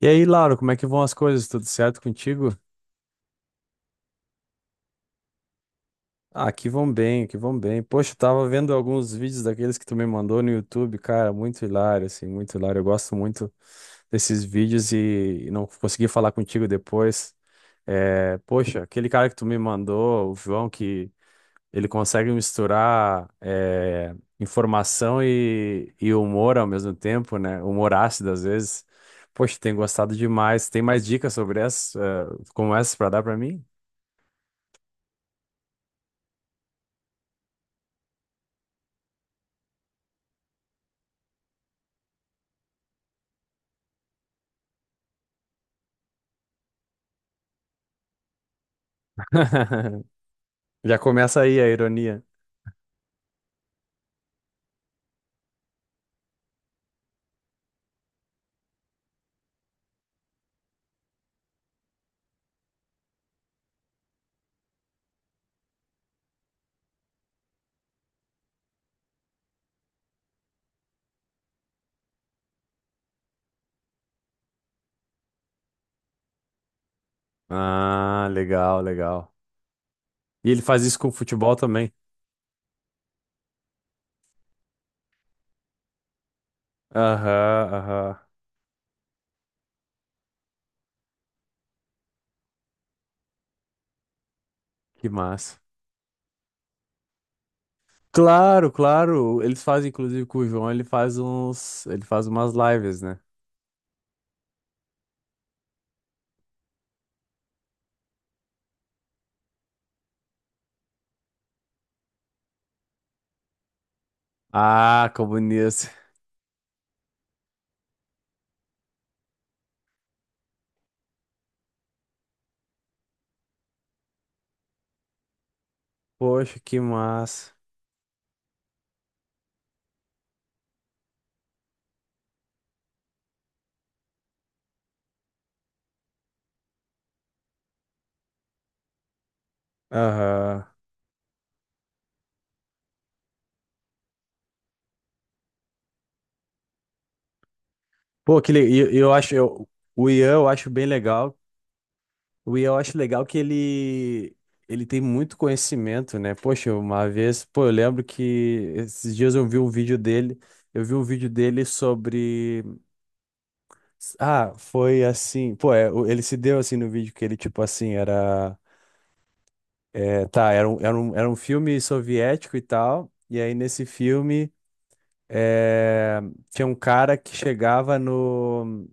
E aí, Lauro, como é que vão as coisas? Tudo certo contigo? Ah, aqui vão bem, aqui vão bem. Poxa, eu tava vendo alguns vídeos daqueles que tu me mandou no YouTube, cara, muito hilário, assim, muito hilário. Eu gosto muito desses vídeos e não consegui falar contigo depois. É, poxa, aquele cara que tu me mandou, o João, que ele consegue misturar informação e humor ao mesmo tempo, né? Humor ácido às vezes. Poxa, tenho gostado demais. Tem mais dicas sobre essas, como essas para dar pra mim? Já começa aí a ironia. Ah, legal, legal. E ele faz isso com o futebol também. Aham, aham. Que massa. Claro, claro. Eles fazem, inclusive, com o João, ele faz uns. Ele faz umas lives, né? Ah, comunista. Poxa, que massa. Aham. Pô, que le... e eu acho. O Ian eu acho bem legal. O Ian, eu acho legal que ele ele tem muito conhecimento, né? Poxa, uma vez, pô, eu lembro que esses dias eu vi um vídeo dele, eu vi um vídeo dele sobre ah, foi assim, pô, é, o- ele se deu assim no vídeo que ele tipo assim, era é, tá, era um, era um, era um filme soviético e tal, e aí nesse filme é, tinha um cara que chegava no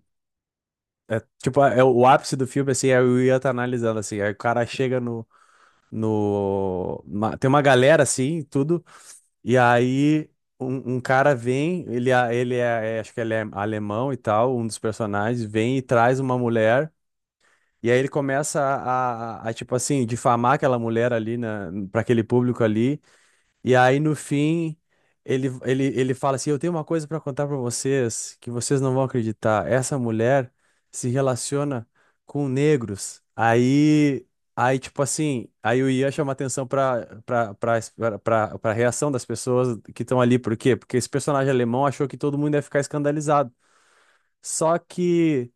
o ápice do filme assim, aí o Ian tá analisando assim, aí o cara chega no tem uma galera assim, tudo. E aí um cara vem, acho que ele é alemão e tal, um dos personagens vem e traz uma mulher. E aí ele começa a tipo assim difamar aquela mulher ali na para aquele público ali. E aí no fim, ele fala assim: Eu tenho uma coisa para contar para vocês que vocês não vão acreditar. Essa mulher se relaciona com negros. Aí, tipo assim, aí o Ian chama atenção para para reação das pessoas que estão ali. Por quê? Porque esse personagem alemão achou que todo mundo ia ficar escandalizado. Só que,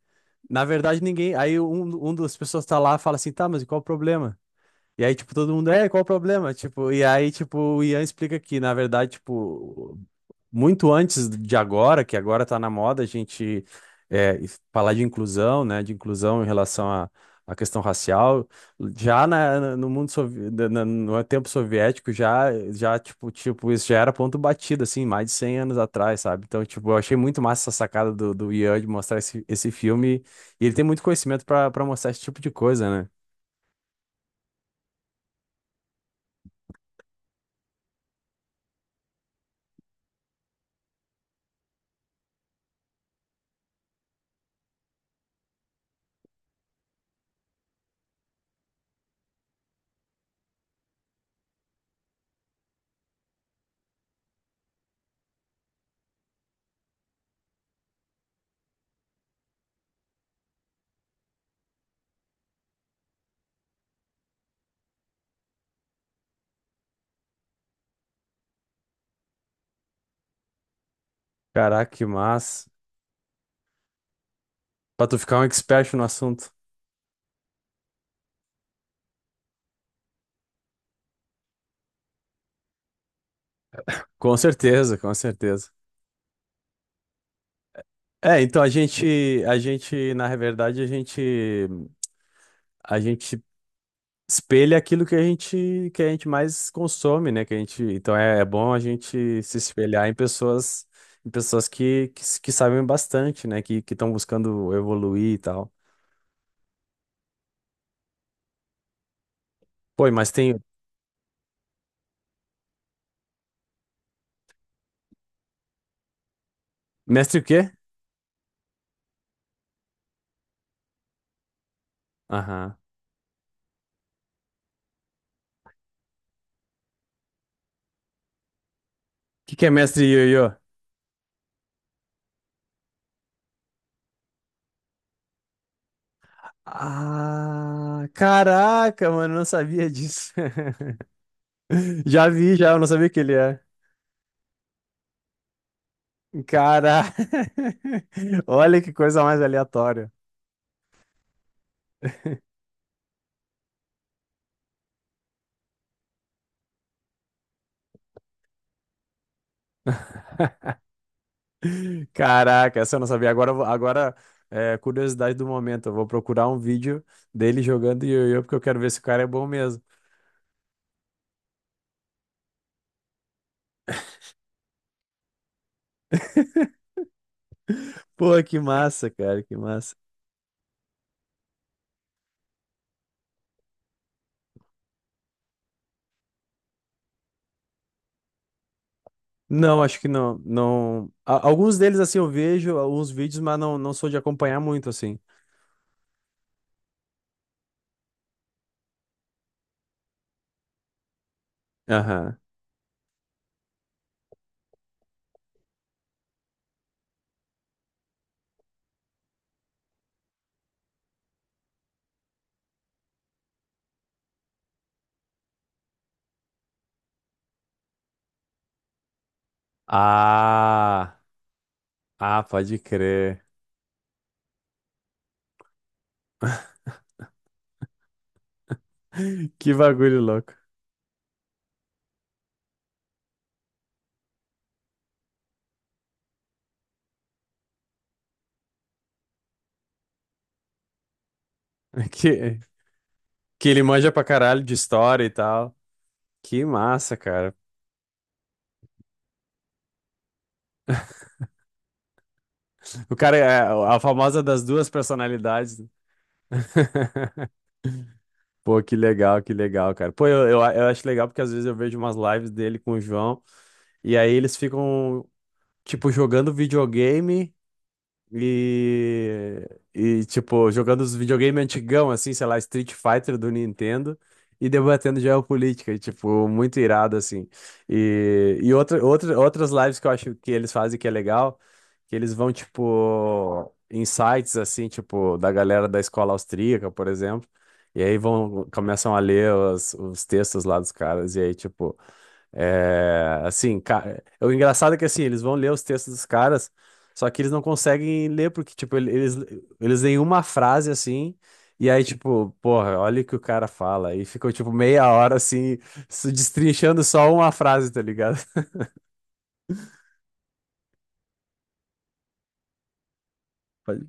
na verdade, ninguém. Aí um das pessoas tá lá e fala assim: Tá, mas e qual o problema? E aí, tipo, todo mundo, é, qual o problema? Tipo, e aí, tipo, o Ian explica que, na verdade, tipo, muito antes de agora, que agora tá na moda, a gente é, falar de inclusão, né, de inclusão em relação à questão racial, já no mundo, no tempo soviético, isso já era ponto batido, assim, mais de 100 anos atrás, sabe? Então, tipo, eu achei muito massa essa sacada do, do Ian de mostrar esse, esse filme, e ele tem muito conhecimento pra pra mostrar esse tipo de coisa, né? Caraca, que massa. Pra tu ficar um expert no assunto. Com certeza, com certeza. É, então a gente, na verdade, a gente espelha aquilo que a gente mais consome, né? Que a gente, então é, é bom a gente se espelhar em pessoas que, s- que sabem bastante, né? Que estão buscando evoluir e tal. Pô, mas tem mestre o quê? Aham. O que que é mestre Yoyo? Ah, caraca, mano, eu não sabia disso. Já vi, já, eu não sabia que ele é. Cara, olha que coisa mais aleatória. Caraca, essa eu não sabia. Agora curiosidade do momento. Eu vou procurar um vídeo dele jogando ioiô, porque eu quero ver se o cara é bom mesmo. Pô, que massa, cara, que massa. Não, acho que não, não. Alguns deles, assim, eu vejo alguns vídeos, mas não, não sou de acompanhar muito, assim. Aham. Ah, ah, pode crer. Que bagulho louco. Que, Que ele manja pra caralho de história e tal. Que massa, cara. O cara é a famosa das duas personalidades. Pô, que legal, cara. Pô, eu acho legal porque às vezes eu vejo umas lives dele com o João e aí eles ficam, tipo, jogando videogame. E, e, tipo, jogando os videogame antigão, assim, sei lá, Street Fighter do Nintendo e debatendo geopolítica, e, tipo, muito irado, assim. E outra, outras lives que eu acho que eles fazem que é legal, que eles vão, tipo, em sites, assim, tipo, da galera da escola austríaca, por exemplo, e aí vão, começam a ler os textos lá dos caras, e aí, tipo. É, assim, ca- o engraçado é que assim, eles vão ler os textos dos caras, só que eles não conseguem ler, porque, tipo, eles, eles leem uma frase assim, e aí, tipo, porra, olha o que o cara fala. E ficou, tipo, meia hora assim, se destrinchando só uma frase, tá ligado? Pode-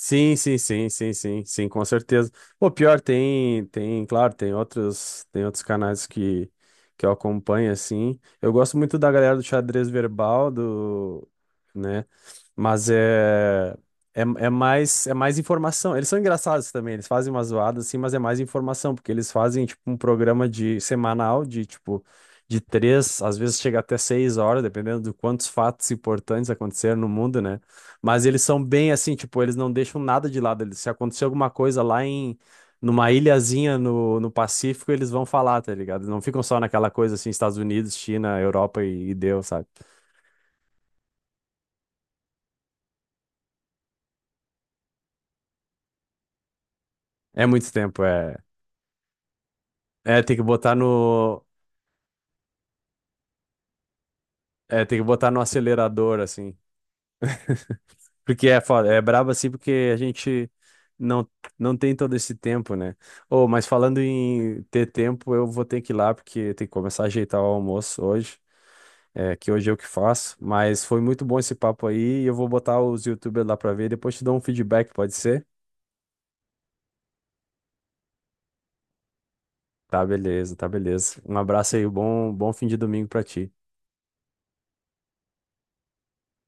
sim, sim, sim, sim, sim, sim, com certeza. Pô, pior, tem, tem, claro, tem outros canais que eu acompanho, assim. Eu gosto muito da galera do xadrez verbal, do, né? Mas é mais informação. Eles são engraçados também, eles fazem umas zoadas assim, mas é mais informação, porque eles fazem tipo um programa de semanal de tipo de 3, às vezes chega até 6 horas, dependendo de quantos fatos importantes aconteceram no mundo, né? Mas eles são bem assim, tipo, eles não deixam nada de lado. Eles, se acontecer alguma coisa lá em numa ilhazinha no, no Pacífico, eles vão falar, tá ligado? Não ficam só naquela coisa assim, Estados Unidos, China, Europa e deu, sabe? É muito tempo, é. É, tem que botar no, Tem que botar no acelerador, assim. Porque é, é brabo, assim, porque a gente não, não tem todo esse tempo, né? Ô, mas falando em ter tempo, eu vou ter que ir lá, porque tem que começar a ajeitar o almoço hoje, é, que hoje eu que faço. Mas foi muito bom esse papo aí, e eu vou botar os YouTubers lá pra ver, depois te dou um feedback, pode ser? Tá, beleza, tá, beleza. Um abraço aí, bom, bom fim de domingo pra ti.